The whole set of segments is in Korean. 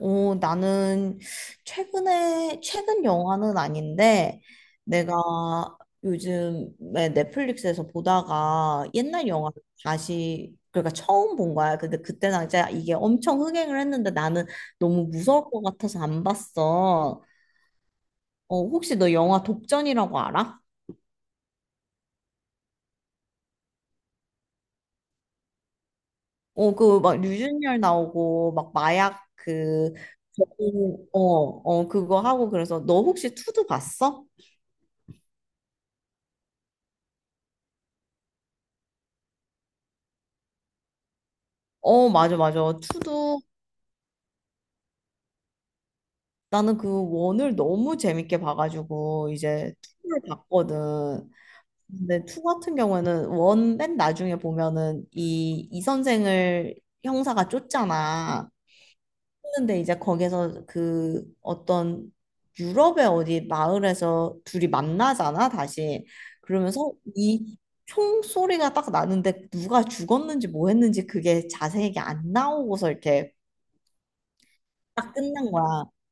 나는 최근에, 최근 영화는 아닌데, 내가 요즘에 넷플릭스에서 보다가 옛날 영화를 다시, 그러니까 처음 본 거야. 근데 그때 당시에 이게 엄청 흥행을 했는데 나는 너무 무서울 것 같아서 안 봤어. 혹시 너 영화 독전이라고 알아? 그 막 류준열 나오고, 막 마약 그, 그거 하고 그래서 너 혹시 투도 봤어? 어, 맞아, 맞아. 투도 나는 그 원을 너무 재밌게 봐가지고 이제 투를 봤거든. 근데 투 같은 경우에는 원 맨 나중에 보면은 이 선생을 형사가 쫓잖아. 근데 이제 거기서 그 어떤 유럽의 어디 마을에서 둘이 만나잖아 다시. 그러면서 이 총소리가 딱 나는데 누가 죽었는지 뭐 했는지 그게 자세하게 안 나오고서 이렇게 딱 끝난 거야.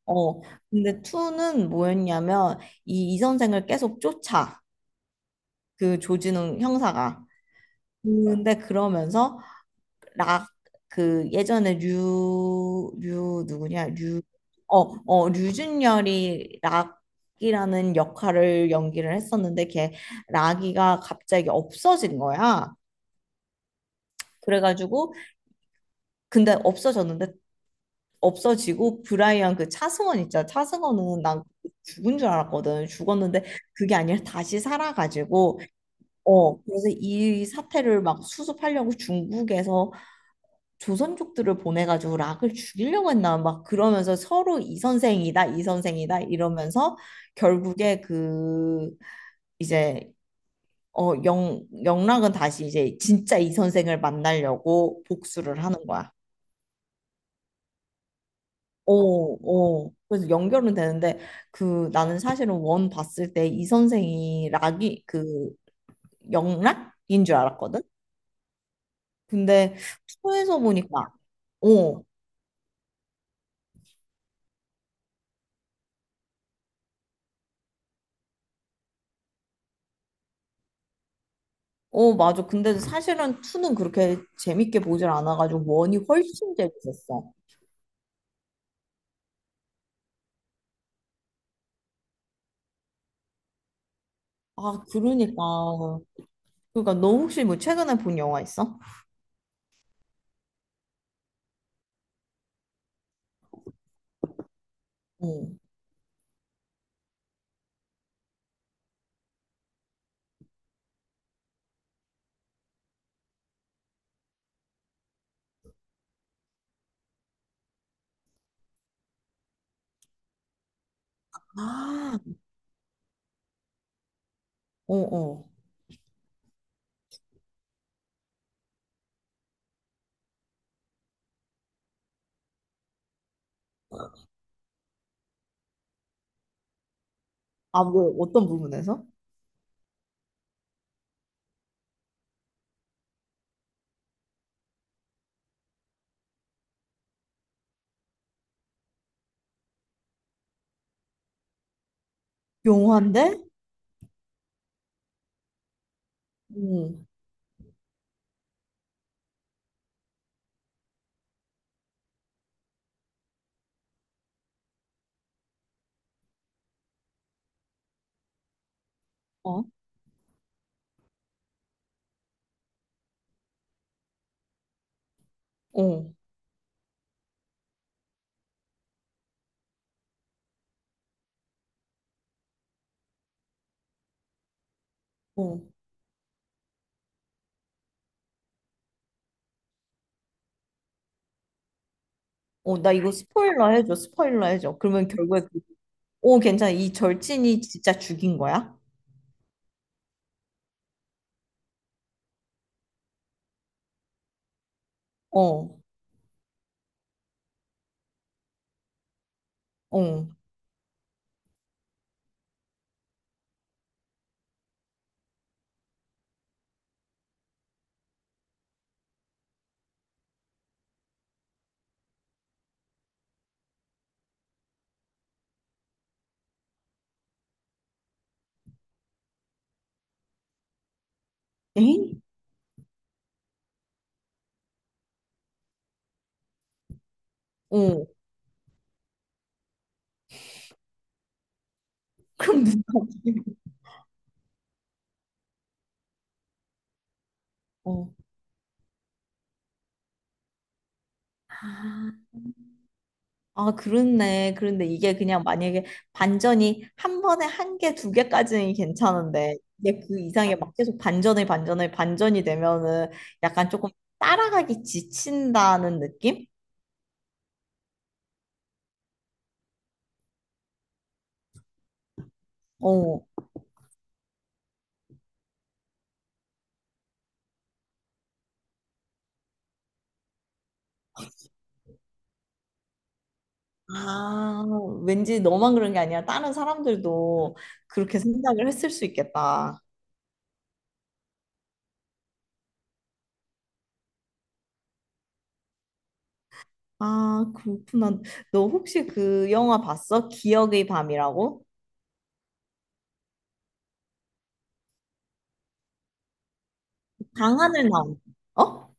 어. 근데 투는 뭐였냐면 이 이선생을 계속 쫓아. 그 조진웅 형사가. 근데 그러면서 락 그 예전에 류 누구냐? 류 어, 류준열이 락이라는 역할을 연기를 했었는데 걔 락이가 갑자기 없어진 거야. 그래가지고 근데 없어졌는데 없어지고 브라이언 그 차승원 있잖아. 차승원은 난 죽은 줄 알았거든. 죽었는데 그게 아니라 다시 살아가지고 그래서 이 사태를 막 수습하려고 중국에서 조선족들을 보내가지고 락을 죽이려고 했나 막 그러면서 서로 이 선생이다 이 선생이다 이러면서 결국에 그 이제 영 영락은 다시 이제 진짜 이 선생을 만나려고 복수를 하는 거야. 어, 어. 그래서 연결은 되는데 그 나는 사실은 원 봤을 때 이 선생이 락이 그 영락인 줄 알았거든. 근데 투에서 보니까 어, 어 맞아. 근데 사실은 투는 그렇게 재밌게 보질 않아가지고 원이 훨씬 재밌었어. 아 그러니까 그러니까 너 혹시 뭐 최근에 본 영화 있어? 어. 아, 어, 어. 아, 뭐 어떤 부분에서? 영화인데? 응 어, 어, 어. 나 이거 스포일러 해줘, 스포일러 해줘. 그러면 결국에, 그- 어, 괜찮아. 이 절친이 진짜 죽인 거야? 어, 어. 에잉? 어. 그럼 누가 죽인 거야? 어. 아, 그렇네. 그런데 이게 그냥 만약에 반전이 한 번에 한 개, 두 개까지는 괜찮은데, 이게 그 이상에 막 계속 반전을, 반전을, 반전이 되면은 약간 조금 따라가기 지친다는 느낌? 어. 아, 왠지 너만 그런 게 아니라 다른 사람들도 그렇게 생각을 했을 수 있겠다. 아, 그렇구나. 너 혹시 그 영화 봤어? 기억의 밤이라고? 강하늘 나오는 거. 어?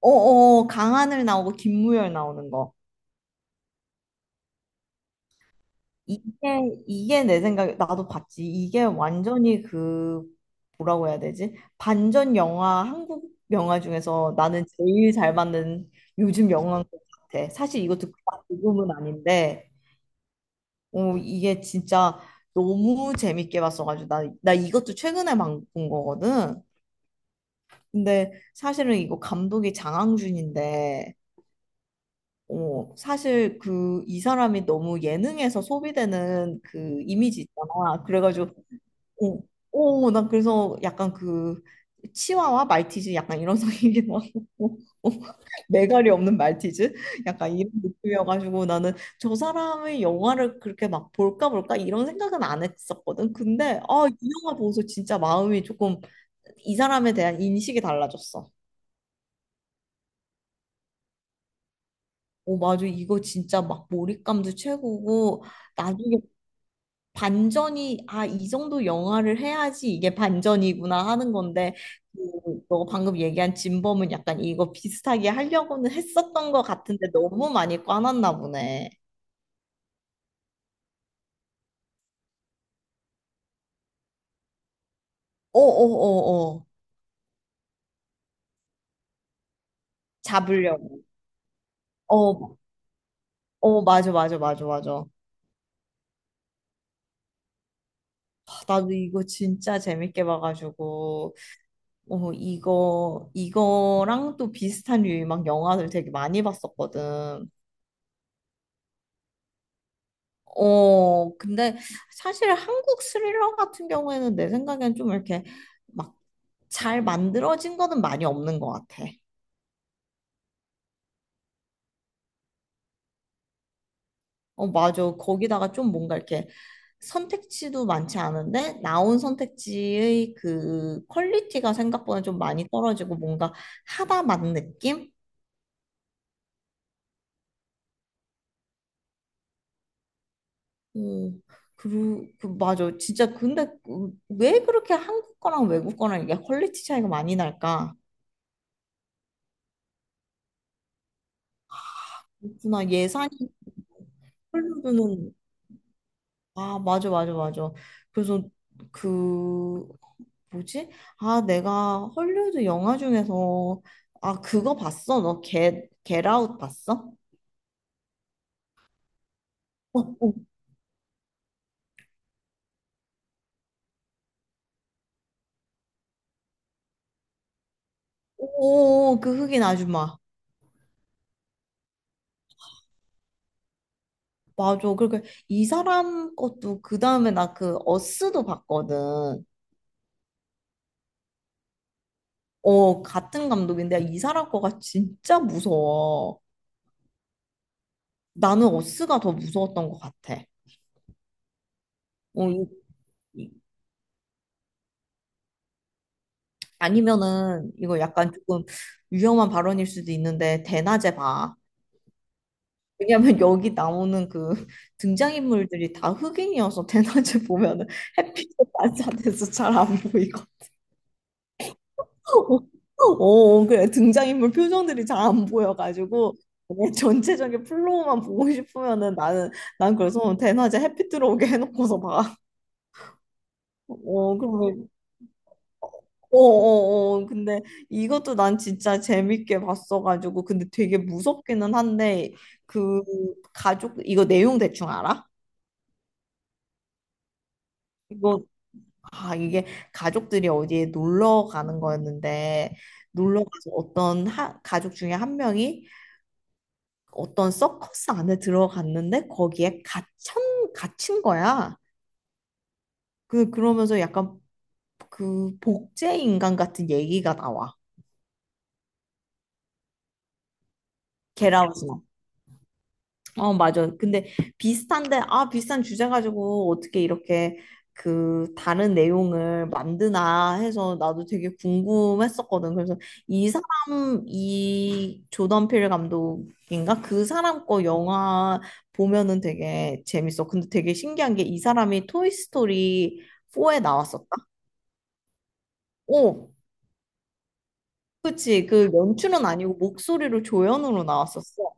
어어, 강하늘 나오고 김무열 나오는 거. 이게, 이게 내 생각에, 나도 봤지. 이게 완전히 그, 뭐라고 해야 되지? 반전 영화, 한국 영화 중에서 나는 제일 잘 맞는 요즘 영화인 것 같아. 사실 이것도 그닥 좋은 은 아닌데. 이게 진짜 너무 재밌게 봤어가지고 나 이것도 최근에 막 본 거거든. 근데 사실은 이거 감독이 장항준인데 사실 그 이 사람이 너무 예능에서 소비되는 그 이미지 있잖아. 그래가지고 어, 난 그래서 약간 그 치와와 말티즈 약간 이런 성이기도 하고 매갈이 없는 말티즈? 약간 이런 느낌이어가지고 나는 저 사람의 영화를 그렇게 막 볼까 볼까 이런 생각은 안 했었거든. 근데 아, 이 영화 보고서 진짜 마음이 조금 이 사람에 대한 인식이 달라졌어. 오, 맞아. 이거 진짜 막 몰입감도 최고고 나중에 반전이 아, 이 정도 영화를 해야지 이게 반전이구나 하는 건데 그, 너 방금 얘기한 진범은 약간 이거 비슷하게 하려고는 했었던 것 같은데 너무 많이 꽈놨나 보네. 어어어어 잡으려고 어 어 맞아 맞아 맞아 맞아 아, 나도 이거 진짜 재밌게 봐가지고 어 이거랑 또 비슷한 류의 막 영화들 되게 많이 봤었거든 어 근데 사실 한국 스릴러 같은 경우에는 내 생각엔 좀 이렇게 막 잘 만들어진 거는 많이 없는 것 같아 어, 맞아. 거기다가 좀 뭔가 이렇게 선택지도 많지 않은데 나온 선택지의 그 퀄리티가 생각보다 좀 많이 떨어지고 뭔가 하다 만 느낌? 어, 맞아. 진짜 근데 그왜 그렇게 한국 거랑 외국 거랑 이게 퀄리티 차이가 많이 날까? 그렇구나. 예산이 헐리우드는 아 맞아 맞아 맞아 그래서 그 뭐지? 아, 내가 헐리우드 영화 중에서 아, 그거 봤어? 너 겟아웃 봤어? 어, 어, 오, 그 흑인 아줌마. 맞아. 그러니까 이 사람 것도 그 다음에 나 그 어스도 봤거든. 어, 같은 감독인데 이 사람 거가 진짜 무서워. 나는 어스가 더 무서웠던 것 같아. 어, 이, 이- 아니면은 이거 약간 조금 위험한 발언일 수도 있는데 대낮에 봐. 왜냐면 여기 나오는 그 등장인물들이 다 흑인이어서 대낮에 보면은 햇빛에 반사돼서 잘 안 보이고 어, 그래 등장인물 표정들이 잘 안 보여가지고 그냥 전체적인 플로우만 보고 싶으면은 나는 난 그래서 대낮에 햇빛 들어오게 해놓고서 봐. 어, 그러면 어어어 근데 이것도 난 진짜 재밌게 봤어가지고 근데 되게 무섭기는 한데 그 가족 이거 내용 대충 알아? 이거 아, 이게 가족들이 어디에 놀러 가는 거였는데, 놀러 가서 어떤 하, 가족 중에 한 명이 어떤 서커스 안에 들어갔는데, 거기에 갇힌 거야. 그러면서 약간 그 복제 인간 같은 얘기가 나와. 겟아웃 어, 맞아. 근데 비슷한데, 아, 비슷한 주제 가지고 어떻게 이렇게 그 다른 내용을 만드나 해서 나도 되게 궁금했었거든. 그래서 이 조던 필 감독인가? 그 사람 거 영화 보면은 되게 재밌어. 근데 되게 신기한 게 이 사람이 토이스토리 4에 나왔었다? 오, 그치. 그 연출은 아니고 목소리로 조연으로 나왔었어.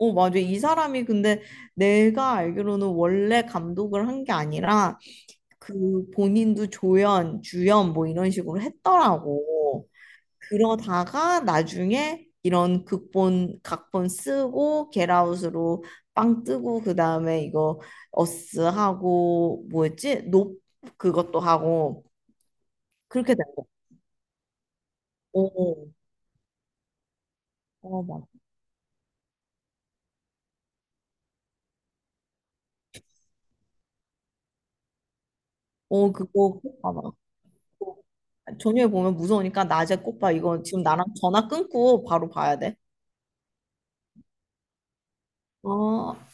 어, 맞아. 이 사람이 근데 내가 알기로는 원래 감독을 한 게 아니라 그 본인도 조연, 주연 뭐 이런 식으로 했더라고. 그러다가 나중에 이런 극본, 각본 쓰고 겟아웃으로 빵 뜨고 그다음에 이거 어스 하고 뭐였지? 높 그것도 하고 그렇게 된 거. 어, 어, 맞아. 어, 그거 꼭 봐봐. 저녁에 보면 무서우니까 낮에 꼭 봐. 이거 지금 나랑 전화 끊고 바로 봐야 돼. 어,